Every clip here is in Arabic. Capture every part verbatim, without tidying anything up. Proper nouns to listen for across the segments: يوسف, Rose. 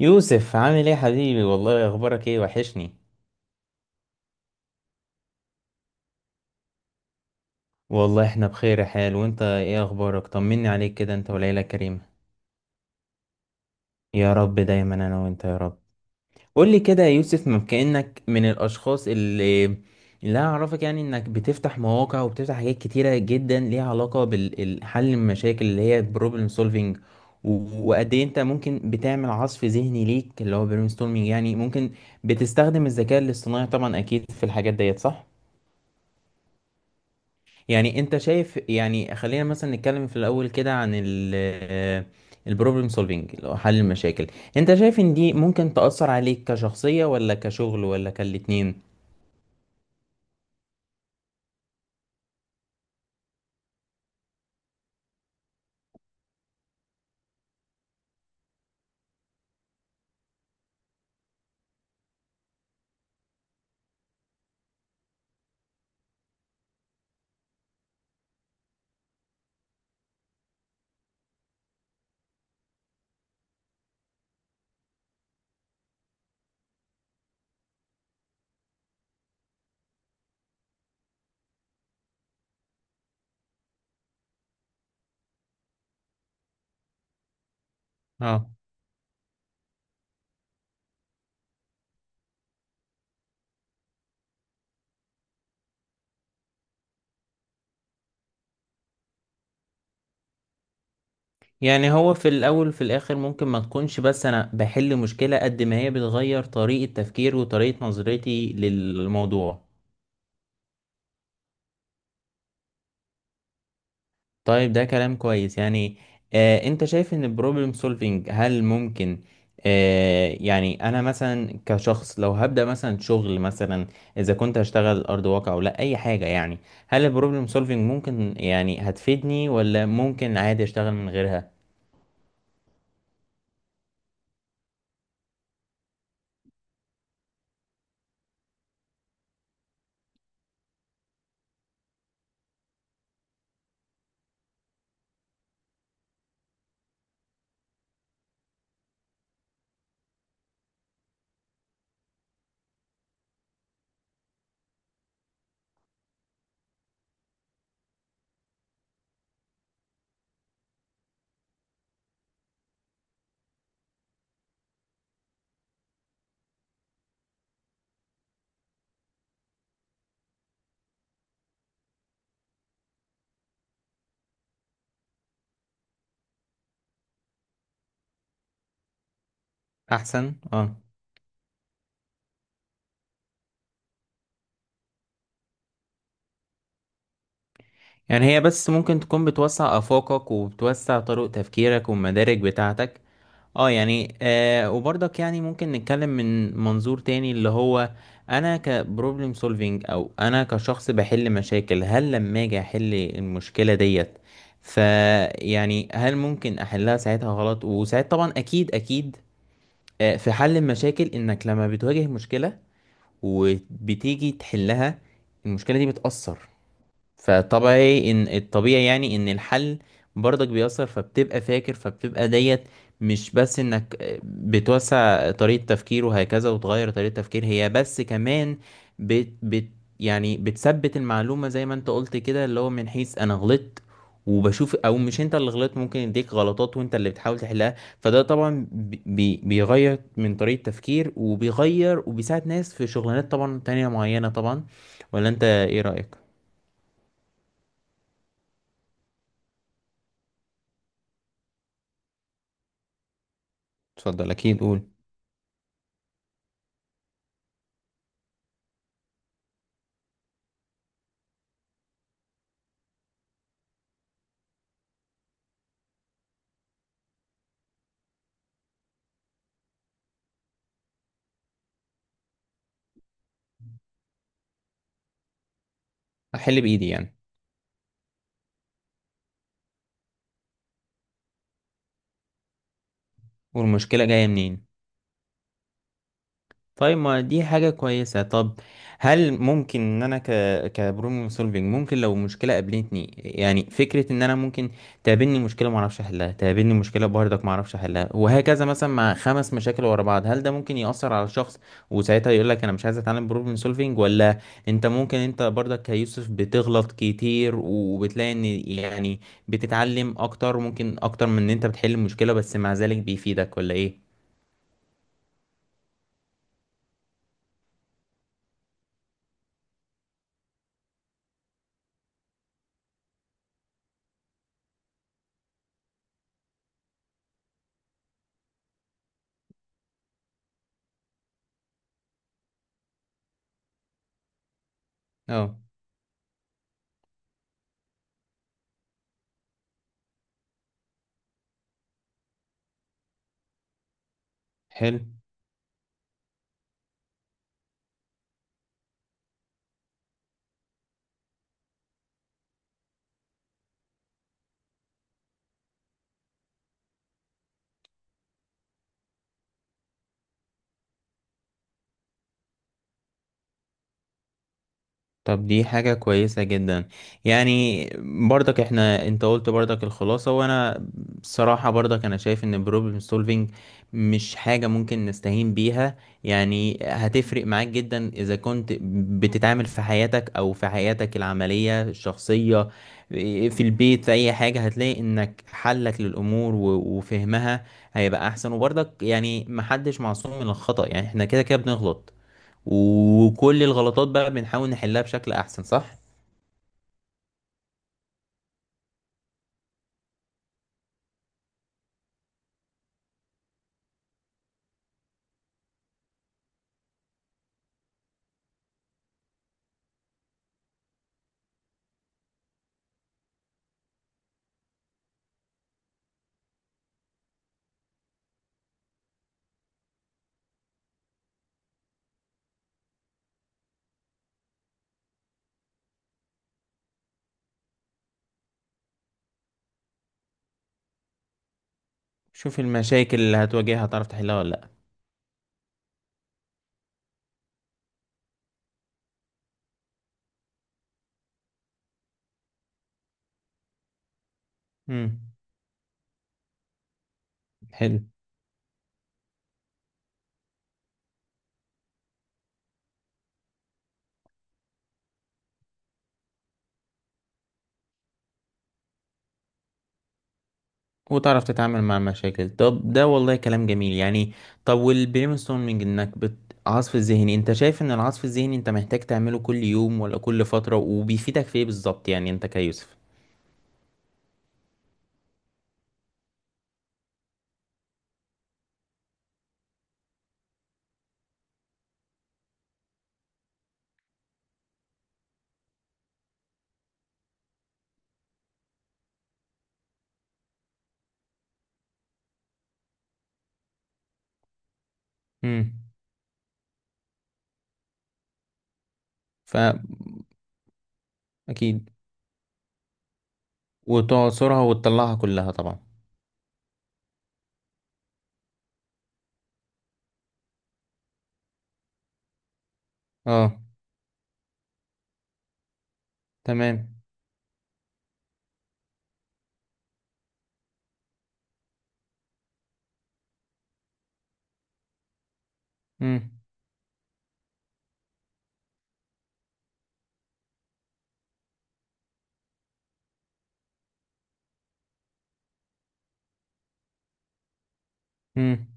يوسف، عامل ايه يا حبيبي؟ والله اخبارك ايه؟ وحشني. والله احنا بخير يا حال. وانت ايه اخبارك؟ طمني عليك كده، انت وليلى كريمة. يا رب دايما، انا وانت يا رب. قول لي كده يا يوسف، ما كأنك من الاشخاص اللي اللي أنا اعرفك، يعني انك بتفتح مواقع وبتفتح حاجات كتيرة جدا ليها علاقة بالحل المشاكل اللي هي بروبلم سولفينج. وقد ايه انت ممكن بتعمل عصف ذهني ليك اللي هو برين ستورمينج؟ يعني ممكن بتستخدم الذكاء الاصطناعي طبعا، اكيد في الحاجات ديت، صح؟ يعني انت شايف، يعني خلينا مثلا نتكلم في الاول كده عن ال البروبلم سولفينج اللي هو حل المشاكل. انت شايف ان دي ممكن تأثر عليك كشخصية ولا كشغل ولا كالاتنين؟ اه، يعني هو في الاول وفي الاخر ممكن ما تكونش بس انا بحل مشكلة، قد ما هي بتغير طريقة تفكير وطريقة نظرتي للموضوع. طيب ده كلام كويس يعني. آه انت شايف ان البروبلم سولفينج هل ممكن؟ آه يعني انا مثلا كشخص لو هبدأ مثلا شغل مثلا، اذا كنت هشتغل ارض واقع ولا اي حاجة يعني، هل البروبلم سولفينج ممكن يعني هتفيدني ولا ممكن عادي اشتغل من غيرها؟ احسن اه. يعني هي بس ممكن تكون بتوسع افاقك وبتوسع طرق تفكيرك والمدارك بتاعتك. اه يعني، آه وبرضك يعني ممكن نتكلم من منظور تاني اللي هو انا كبروبلم سولفينج او انا كشخص بحل مشاكل. هل لما اجي احل المشكلة ديت فيعني هل ممكن احلها ساعتها غلط؟ وساعات طبعا، اكيد اكيد. آه في حل المشاكل، انك لما بتواجه مشكلة وبتيجي تحلها، المشكلة دي بتأثر، فطبيعي ان الطبيعي يعني ان الحل برضك بيأثر، فبتبقى فاكر فبتبقى ديت. مش بس انك بتوسع طريقة تفكير وهكذا وتغير طريقة تفكير، هي بس كمان بت بت يعني بتثبت المعلومة زي ما انت قلت كده، اللي هو من حيث انا غلطت وبشوف، او مش انت اللي غلطت، ممكن يديك غلطات وانت اللي بتحاول تحلها. فده طبعا بي بي- بيغير من طريقة تفكير وبيغير وبيساعد ناس في شغلانات طبعا تانية معينة طبعا. ولا انت ايه رأيك؟ اتفضل اكيد، قول. احل بايدي يعني. والمشكله جايه منين. طيب، ما دي حاجة كويسة. طب، هل ممكن ان انا ك كبروبلم سولفينج، ممكن لو مشكلة قابلتني يعني، فكرة ان انا ممكن تقابلني مشكلة ما اعرفش احلها، تقابلني مشكلة برضك ما اعرفش احلها، وهكذا مثلا مع خمس مشاكل ورا بعض، هل ده ممكن يأثر على الشخص وساعتها يقول لك انا مش عايز اتعلم بروبلم سولفينج؟ ولا انت ممكن، انت برضك كيوسف بتغلط كتير وبتلاقي ان يعني بتتعلم اكتر، ممكن اكتر من ان انت بتحل المشكلة، بس مع ذلك بيفيدك ولا ايه؟ اه. حلو. طب دي حاجة كويسة جدا يعني. برضك احنا انت قلت برضك الخلاصة، وانا بصراحة برضك انا شايف ان problem solving مش حاجة ممكن نستهين بيها. يعني هتفرق معاك جدا اذا كنت بتتعامل في حياتك او في حياتك العملية الشخصية، في البيت، في اي حاجة. هتلاقي انك حلك للامور و- وفهمها هيبقى احسن. وبرضك يعني محدش معصوم من الخطأ، يعني احنا كده كده بنغلط، وكل الغلطات بقى بنحاول نحلها بشكل احسن، صح؟ شوف المشاكل اللي هتواجهها، تعرف تحلها ولا لا. امم. حلو. وتعرف تتعامل مع المشاكل. طب ده والله كلام جميل يعني. طب والبرين ستورمنج، انك بت... عصف الذهني، انت شايف ان العصف الذهني انت محتاج تعمله كل يوم ولا كل فترة؟ وبيفيدك في ايه بالظبط يعني انت كيوسف؟ امم. فا اكيد. وتعصرها وتطلعها كلها طبعا. اه، تمام. امم.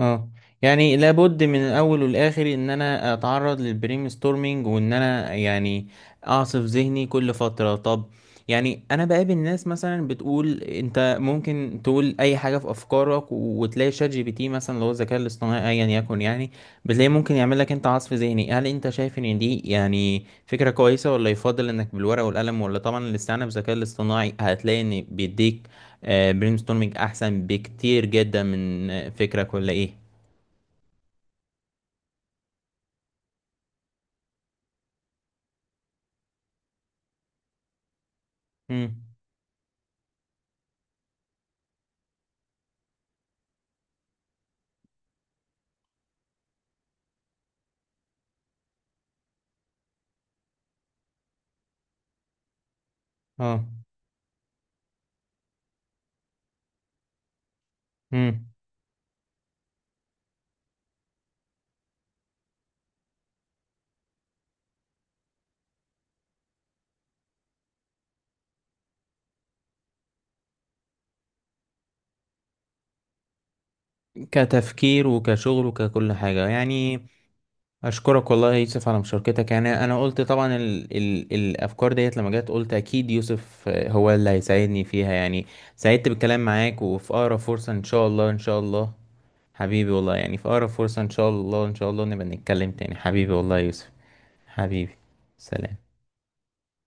اه يعني لابد من الاول والاخر ان انا اتعرض للبرين ستورمينج، وان انا يعني اعصف ذهني كل فتره. طب، يعني انا بقابل ناس مثلا بتقول انت ممكن تقول اي حاجه في افكارك و- وتلاقي شات جي بي تي مثلا، اللي هو الذكاء الاصطناعي ايا يكن. يعني بتلاقي ممكن يعمل لك انت عصف ذهني، هل انت شايف ان دي يعني فكره كويسه، ولا يفضل انك بالورقه والقلم، ولا طبعا الاستعانه بالذكاء الاصطناعي هتلاقي ان بيديك برين ستورمينج احسن بكتير جدا من آه، فكره كلها ايه؟ مم. اه، مم. كتفكير وكشغل وككل حاجه يعني. اشكرك والله يا يوسف على مشاركتك. يعني انا قلت طبعا ال ال الافكار ديت لما جت، قلت اكيد يوسف آه، هو اللي هيساعدني فيها يعني. سعدت بالكلام معاك، وفي اقرب فرصه ان شاء الله ان شاء الله. حبيبي والله يعني، في اقرب فرصه ان شاء الله ان شاء الله نبقى نتكلم تاني، حبيبي والله يا يوسف. حبيبي. سلام.